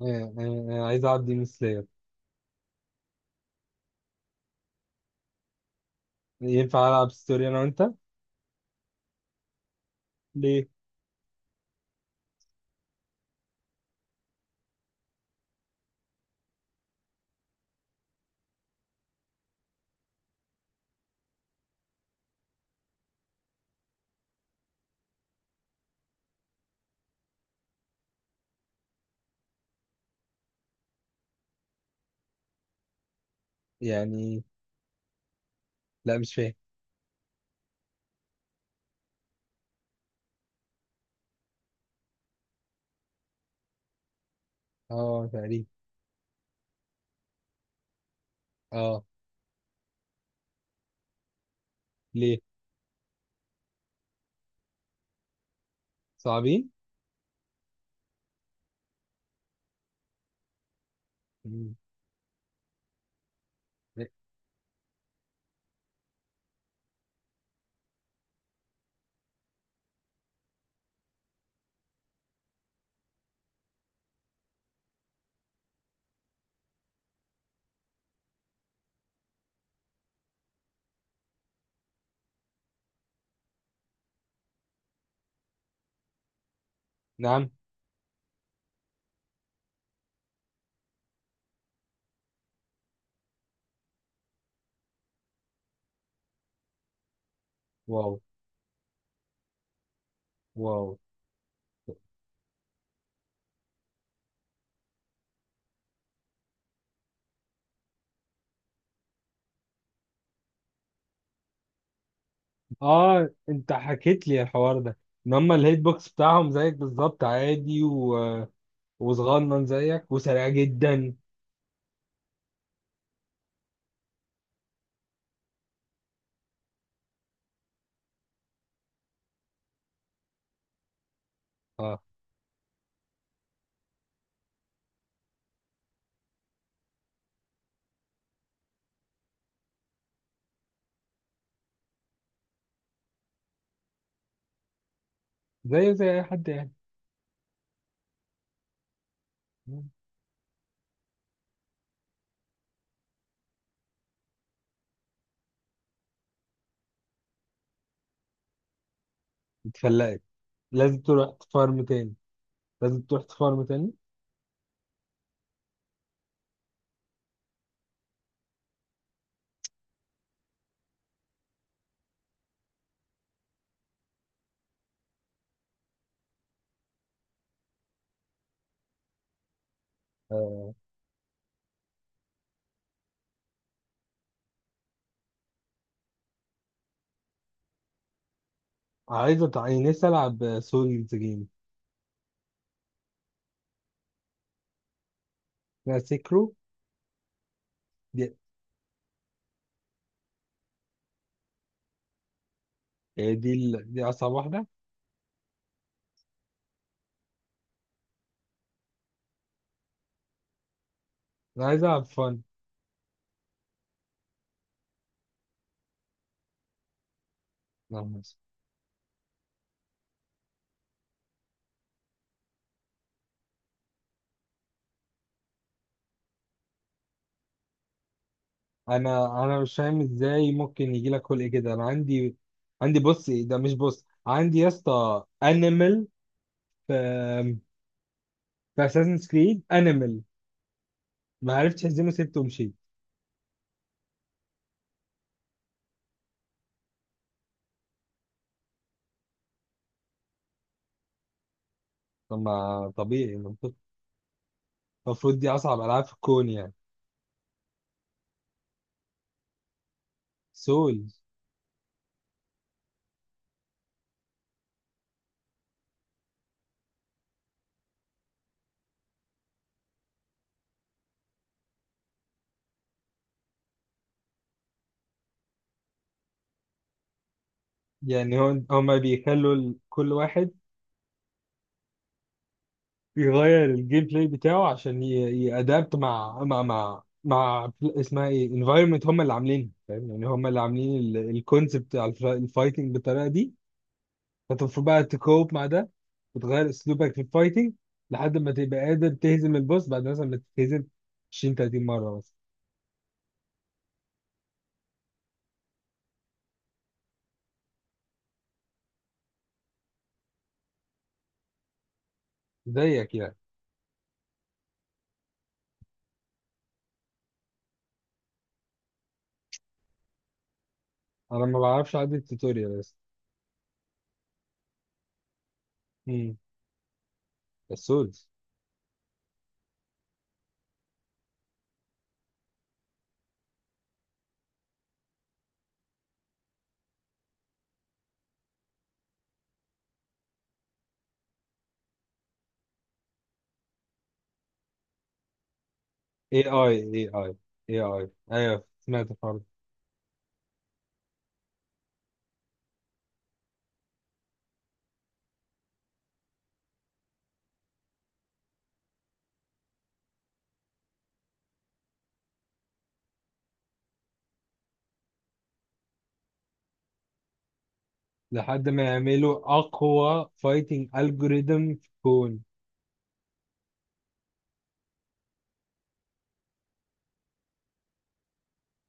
آه، آه، آه، عايز اعدي من سلاير. ينفع العب ستوري انا وانت؟ ليه؟ يعني، لا مش فاهم. اه، تقريبا. اه. ليه؟ صعبين. مم. نعم. واو. واو. اه، انت حكيت لي الحوار ده. ان هم الهيت بوكس بتاعهم زيك بالظبط عادي وصغنن زيك وسريع جدا. اه، زيه زي اي حد يعني. مم. اتفلقت. لازم تروح تفارم تاني. لازم تروح تفارم تاني. آه. عايز نفسي العب سولز جيم. لا، سيكرو. دي، يعني دي اصعب واحده. انا عايز العب فن. انا مش فاهم ازاي ممكن يجي لك خلق كده. انا عندي، عندي، بص، إيه ده؟ مش بص، عندي يا اسطى، انيمال. في في اساسن كريد انيمال. ما عرفتش اهزمه، سبته ومشيت. طب، ما طبيعي، المفروض دي اصعب العاب في الكون يعني. سول. يعني هما بيخلوا كل واحد يغير الجيم بلاي بتاعه عشان يأدابت مع اسمها ايه، انفايرمنت، هم اللي عاملينها فاهم، يعني هم اللي عاملين الكونسبت بتاع الفايتنج بالطريقه دي. فانت المفروض بقى تكوب مع ده، وتغير اسلوبك في الفايتنج لحد ما تبقى قادر تهزم البوس بعد مثلا ما تتهزم 20 30 مره مثلا. زيك يعني. انا ما بعرفش اعدي التوتوريال بس. امم السولز. اي اي، اي اي، اي اي، ايوه سمعت الحوار. لحد ما يعملوا اقوى فايتنج الجوريزم في الكون.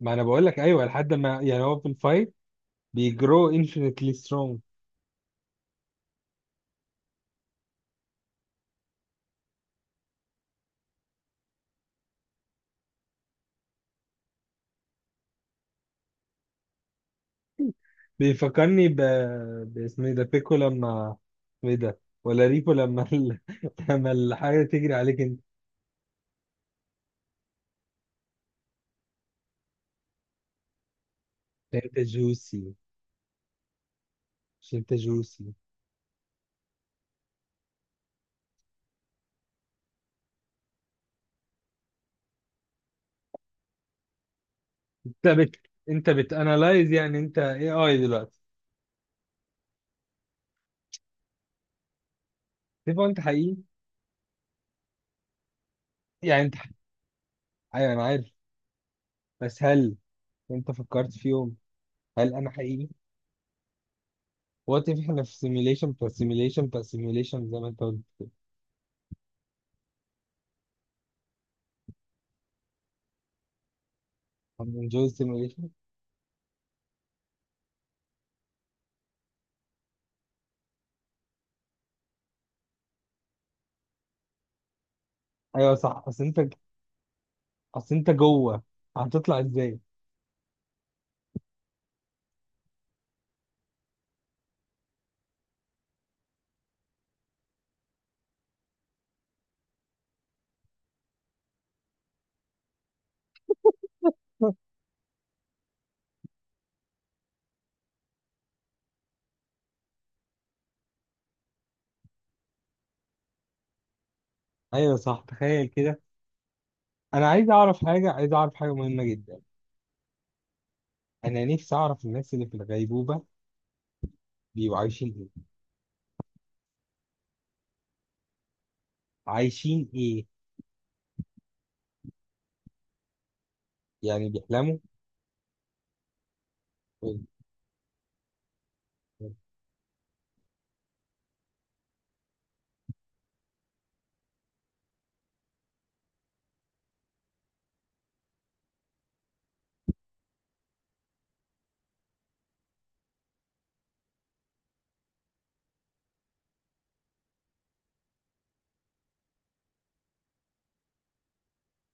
ما انا بقول لك ايوه، لحد ما، يعني هو في الفايت بيجرو انفينيتلي سترونج. بيفكرني باسمه ايه ده؟ بيكو، لما اسمه ايه ده، ولا ريكو، لما الحاجه تجري عليك انت. انت جوسي. مش انت جوسي؟ انت بت انت بتانلايز، يعني انت اي اي دلوقتي؟ تبقى انت حقيقي؟ يعني انت حقيقي. ايوه، انا عارف. بس هل انت فكرت في يوم، هل انا حقيقي وقت احنا في سيميليشن بتاع سيميليشن بتاع سيميليشن زي ما انت قلت؟ هننجوي سيميليشن. ايوه صح، اصل انت جوه، هتطلع ازاي؟ ايوه صح، تخيل كده. انا عايز اعرف حاجه مهمه جدا. انا نفسي اعرف الناس اللي في الغيبوبه بيبقوا عايشين ايه؟ عايشين ايه؟ يعني بيحلموا؟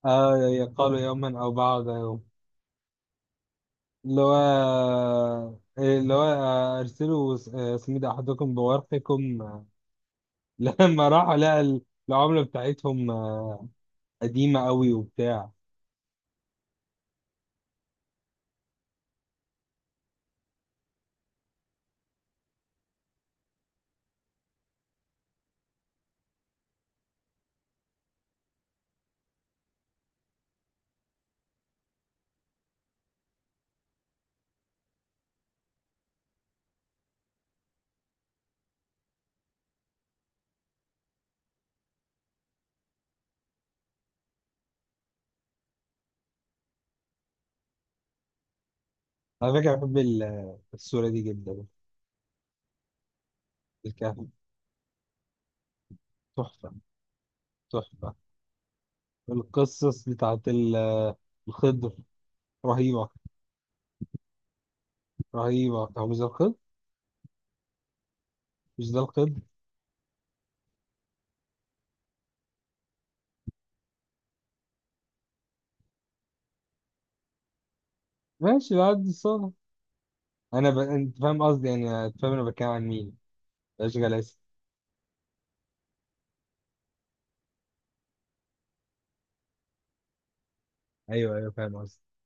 اه، يقالوا يوما او بعد يوم. اللي هو إيه، اللي هو، ارسلوا اسمي ده احدكم بورقكم. لما راحوا لقى العملة بتاعتهم قديمة قوي وبتاع. على فكرة، بحب الصورة دي جدا. الكهف. تحفة. تحفة. القصص بتاعت الخضر رهيبة. رهيبة. هو مش ده الخضر؟ مش ده الخضر؟ ماشي، بعد الصورة. أنت فاهم قصدي؟ يعني أنت فاهم أنا بتكلم عن مين؟ أشغال، آسف. أيوه، أيوه، فاهم قصدي.